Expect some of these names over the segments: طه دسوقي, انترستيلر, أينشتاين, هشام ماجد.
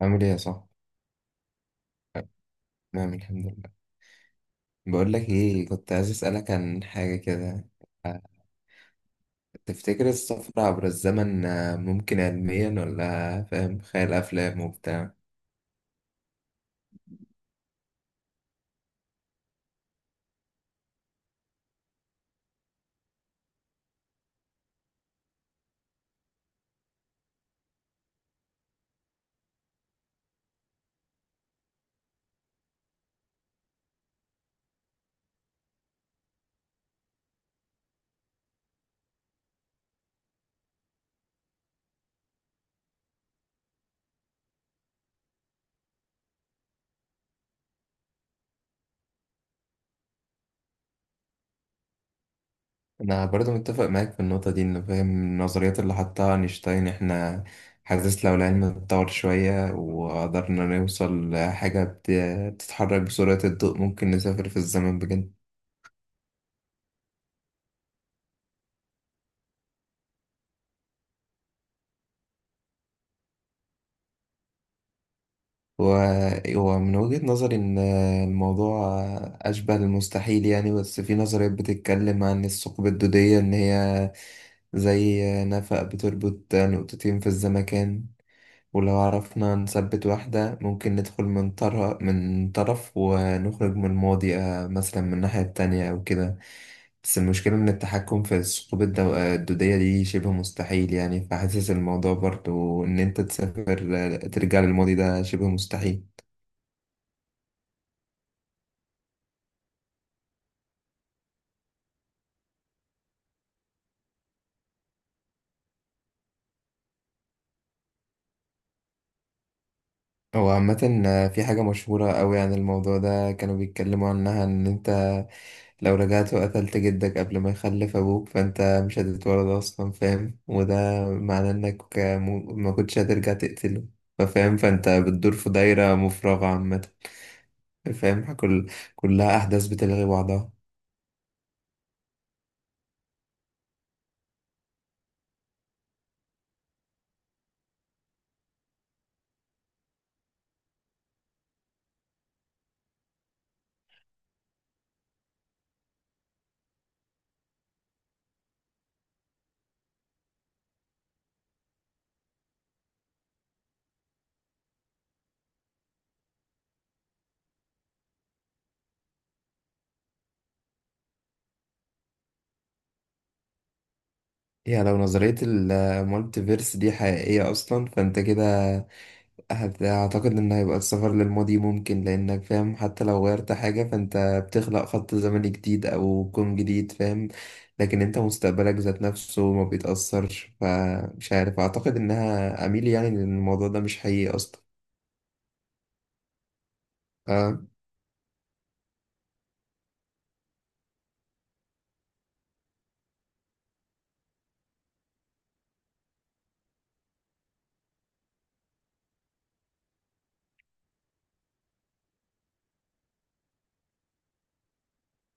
عامل ايه يا صاحبي؟ نعم، الحمد لله. بقول لك ايه، كنت عايز اسألك عن حاجة كده. آه، تفتكر السفر عبر الزمن ممكن علميا ولا فاهم خيال أفلام وبتاع؟ أنا برضو متفق معاك في النقطة دي، إنه فاهم النظريات اللي حطها أينشتاين إحنا حاسس لو العلم اتطور شوية وقدرنا نوصل لحاجة بتتحرك بسرعة الضوء ممكن نسافر في الزمن بجد. ومن وجهة نظري إن الموضوع أشبه للمستحيل يعني، بس في نظريات بتتكلم عن الثقب الدودية، إن هي زي نفق بتربط نقطتين في الزمكان، ولو عرفنا نثبت واحدة ممكن ندخل من طرف ونخرج من الماضي، مثلا من الناحية التانية أو كده. بس المشكلة إن التحكم في الثقوب الدودية دي شبه مستحيل يعني، فحاسس الموضوع برضو إن أنت تسافر ترجع للماضي ده شبه مستحيل. هو عامة في حاجة مشهورة أوي عن الموضوع ده كانوا بيتكلموا عنها، إن أنت لو رجعت وقتلت جدك قبل ما يخلف أبوك فأنت مش هتتولد أصلا، فاهم، وده معناه إنك ما كنتش هترجع تقتله، فاهم، فأنت بتدور في دايرة مفرغة عامة. فاهم، كلها أحداث بتلغي بعضها. يعني لو نظرية المالتيفيرس دي حقيقية أصلا فأنت كده أعتقد إن هيبقى السفر للماضي ممكن، لأنك فاهم حتى لو غيرت حاجة فأنت بتخلق خط زمني جديد أو كون جديد، فاهم. لكن أنت مستقبلك ذات نفسه ما بيتأثرش، فمش عارف، أعتقد إنها أميل يعني لأن الموضوع ده مش حقيقي أصلا. أه،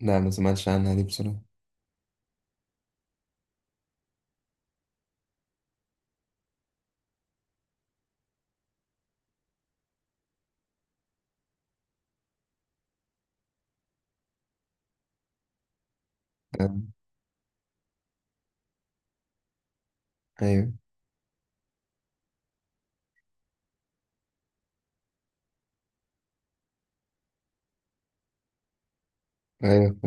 لا ما سمعتش عنها دي بصراحة. أه. أيوه، أيوه.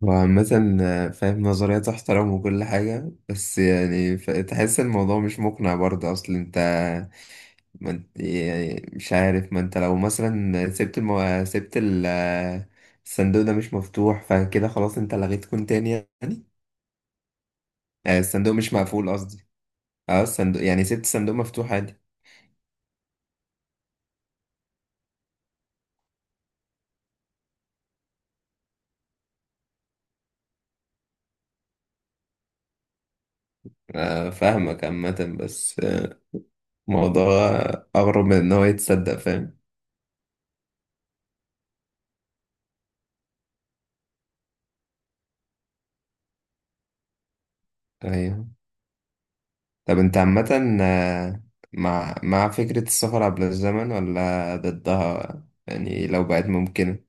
وعامة فاهم نظرية تحترم وكل حاجة بس يعني تحس الموضوع مش مقنع برضه، أصل أنت ما انت يعني مش عارف، ما انت لو مثلا سبت المو... سبت ال... الصندوق ده مش مفتوح فكده خلاص انت لغيت كون تاني يعني. الصندوق مش مقفول قصدي. اه، الصندوق يعني سبت الصندوق مفتوح عادي. فاهمك عامة، بس الموضوع أغرب من إن هو يتصدق، فاهم. أيوه. طب أنت عامة آه، مع فكرة السفر عبر الزمن ولا ضدها يعني، لو بقت ممكنة؟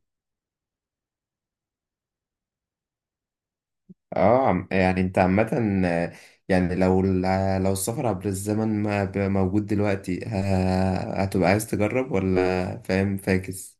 اه، يعني انت عامة يعني لو السفر عبر الزمن ما ب- موجود دلوقتي هتبقى عايز تجرب ولا فاهم فاكس؟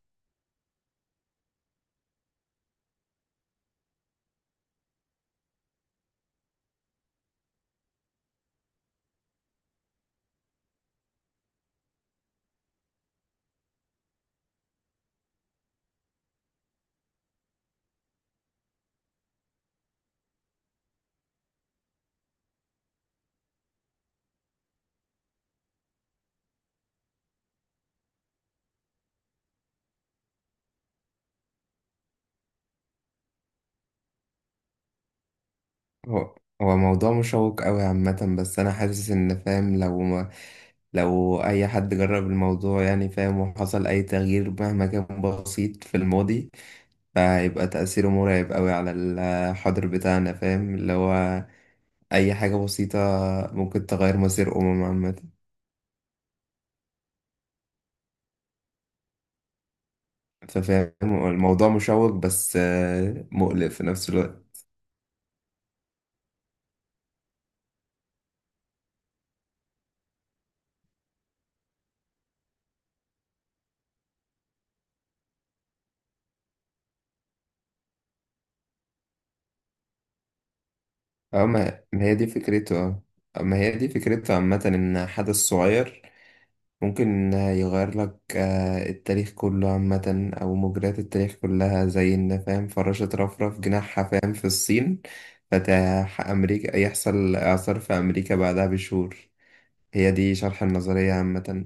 هو هو موضوع مشوق قوي عامة، بس انا حاسس ان فاهم لو ما، لو اي حد جرب الموضوع يعني فاهم وحصل اي تغيير مهما كان بسيط في الماضي فهيبقى تأثيره مرعب قوي على الحاضر بتاعنا، فاهم اللي هو اي حاجة بسيطة ممكن تغير مصير عامة. انت فاهم الموضوع مشوق بس مقلق في نفس الوقت. اه، ما هي دي فكرته، اه، ما هي دي فكرته عامة، ان حدث صغير ممكن يغير لك التاريخ كله عامة، او مجريات التاريخ كلها، زي ان فاهم فراشة رفرف جناحها فاهم في الصين فتح امريكا يحصل اعصار في امريكا بعدها بشهور. هي دي شرح النظرية عامة.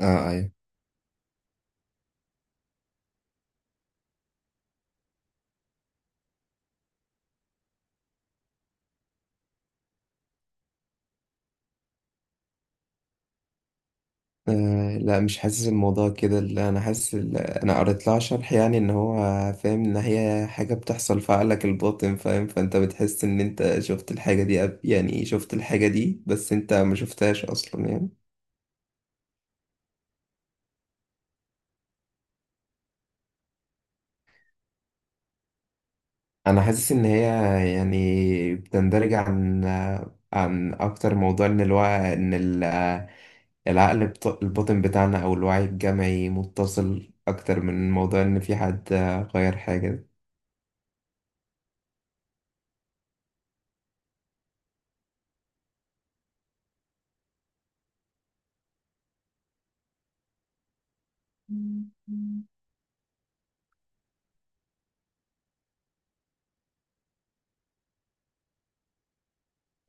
اه، ايوه. آه، لا مش حاسس الموضوع كده، لا، انا قريت لها شرح يعني، ان هو فاهم ان هي حاجه بتحصل في عقلك الباطن، فاهم، فانت بتحس ان انت شفت الحاجه دي يعني شفت الحاجه دي بس انت ما شفتهاش اصلا يعني. انا حاسس ان هي يعني بتندرج عن، اكتر موضوع، ان الوعي، ان العقل الباطن بتاعنا او الوعي الجمعي متصل اكتر من موضوع ان في حد غير حاجه.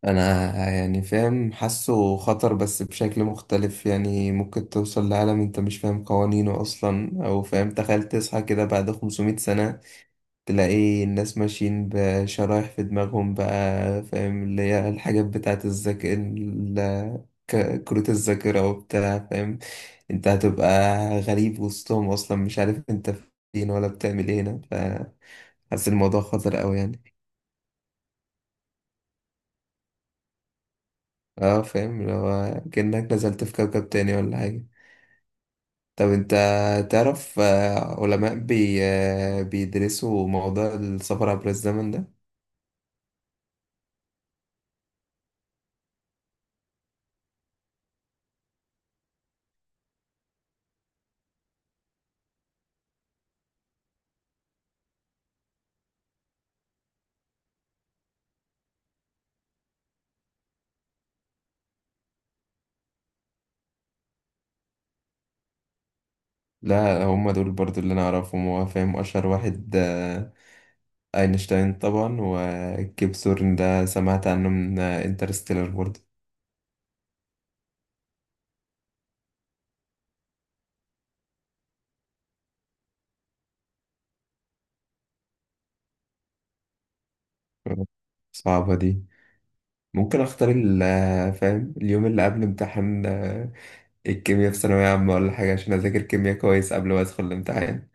انا يعني فاهم حاسه خطر بس بشكل مختلف يعني، ممكن توصل لعالم انت مش فاهم قوانينه اصلا، او فاهم تخيل تصحى كده بعد 500 سنة تلاقي الناس ماشيين بشرايح في دماغهم بقى، فاهم اللي هي الحاجات بتاعت الذاكرة كروت الذاكرة وبتاع فاهم. انت هتبقى غريب وسطهم اصلا، مش عارف انت فين ولا بتعمل ايه هنا، فحاسس الموضوع خطر قوي يعني. اه فاهم لو كأنك نزلت في كوكب تاني ولا حاجة. طب انت تعرف علماء بي آه، بيدرسوا موضوع السفر عبر الزمن ده؟ لا، هم دول برضو اللي انا اعرفهم، هو فاهم اشهر واحد اينشتاين طبعا، وكيب ثورن ده سمعت عنه من انترستيلر برضو. صعبة دي. ممكن اختار فاهم اليوم اللي قبل امتحان الكيمياء في ثانوية عامة ولا حاجة عشان اذاكر كيمياء كويس قبل ما ادخل الامتحان.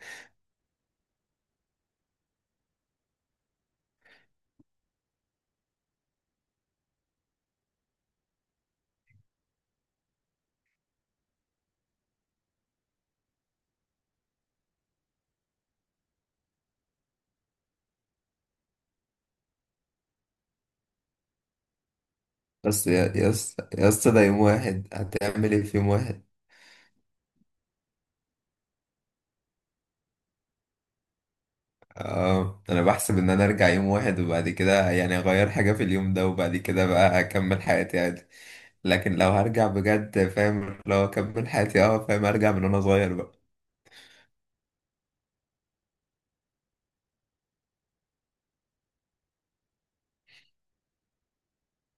بس يا اسطى يا اسطى ده يوم واحد، هتعمل ايه في يوم واحد؟ اه، انا بحسب ان انا ارجع يوم واحد وبعد كده يعني اغير حاجة في اليوم ده وبعد كده بقى اكمل حياتي عادي، لكن لو هرجع بجد فاهم لو اكمل حياتي اه فاهم ارجع من وانا صغير بقى.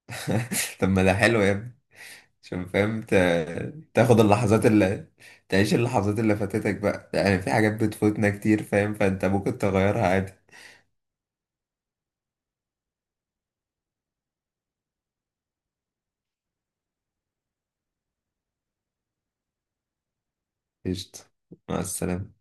طب ما ده حلو يا ابني. عشان فاهم ت- تاخد اللحظات اللي تعيش اللحظات اللي فاتتك بقى يعني، في حاجات بتفوتنا كتير فاهم، فانت ممكن تغيرها عادي. قشطة. مع السلامة.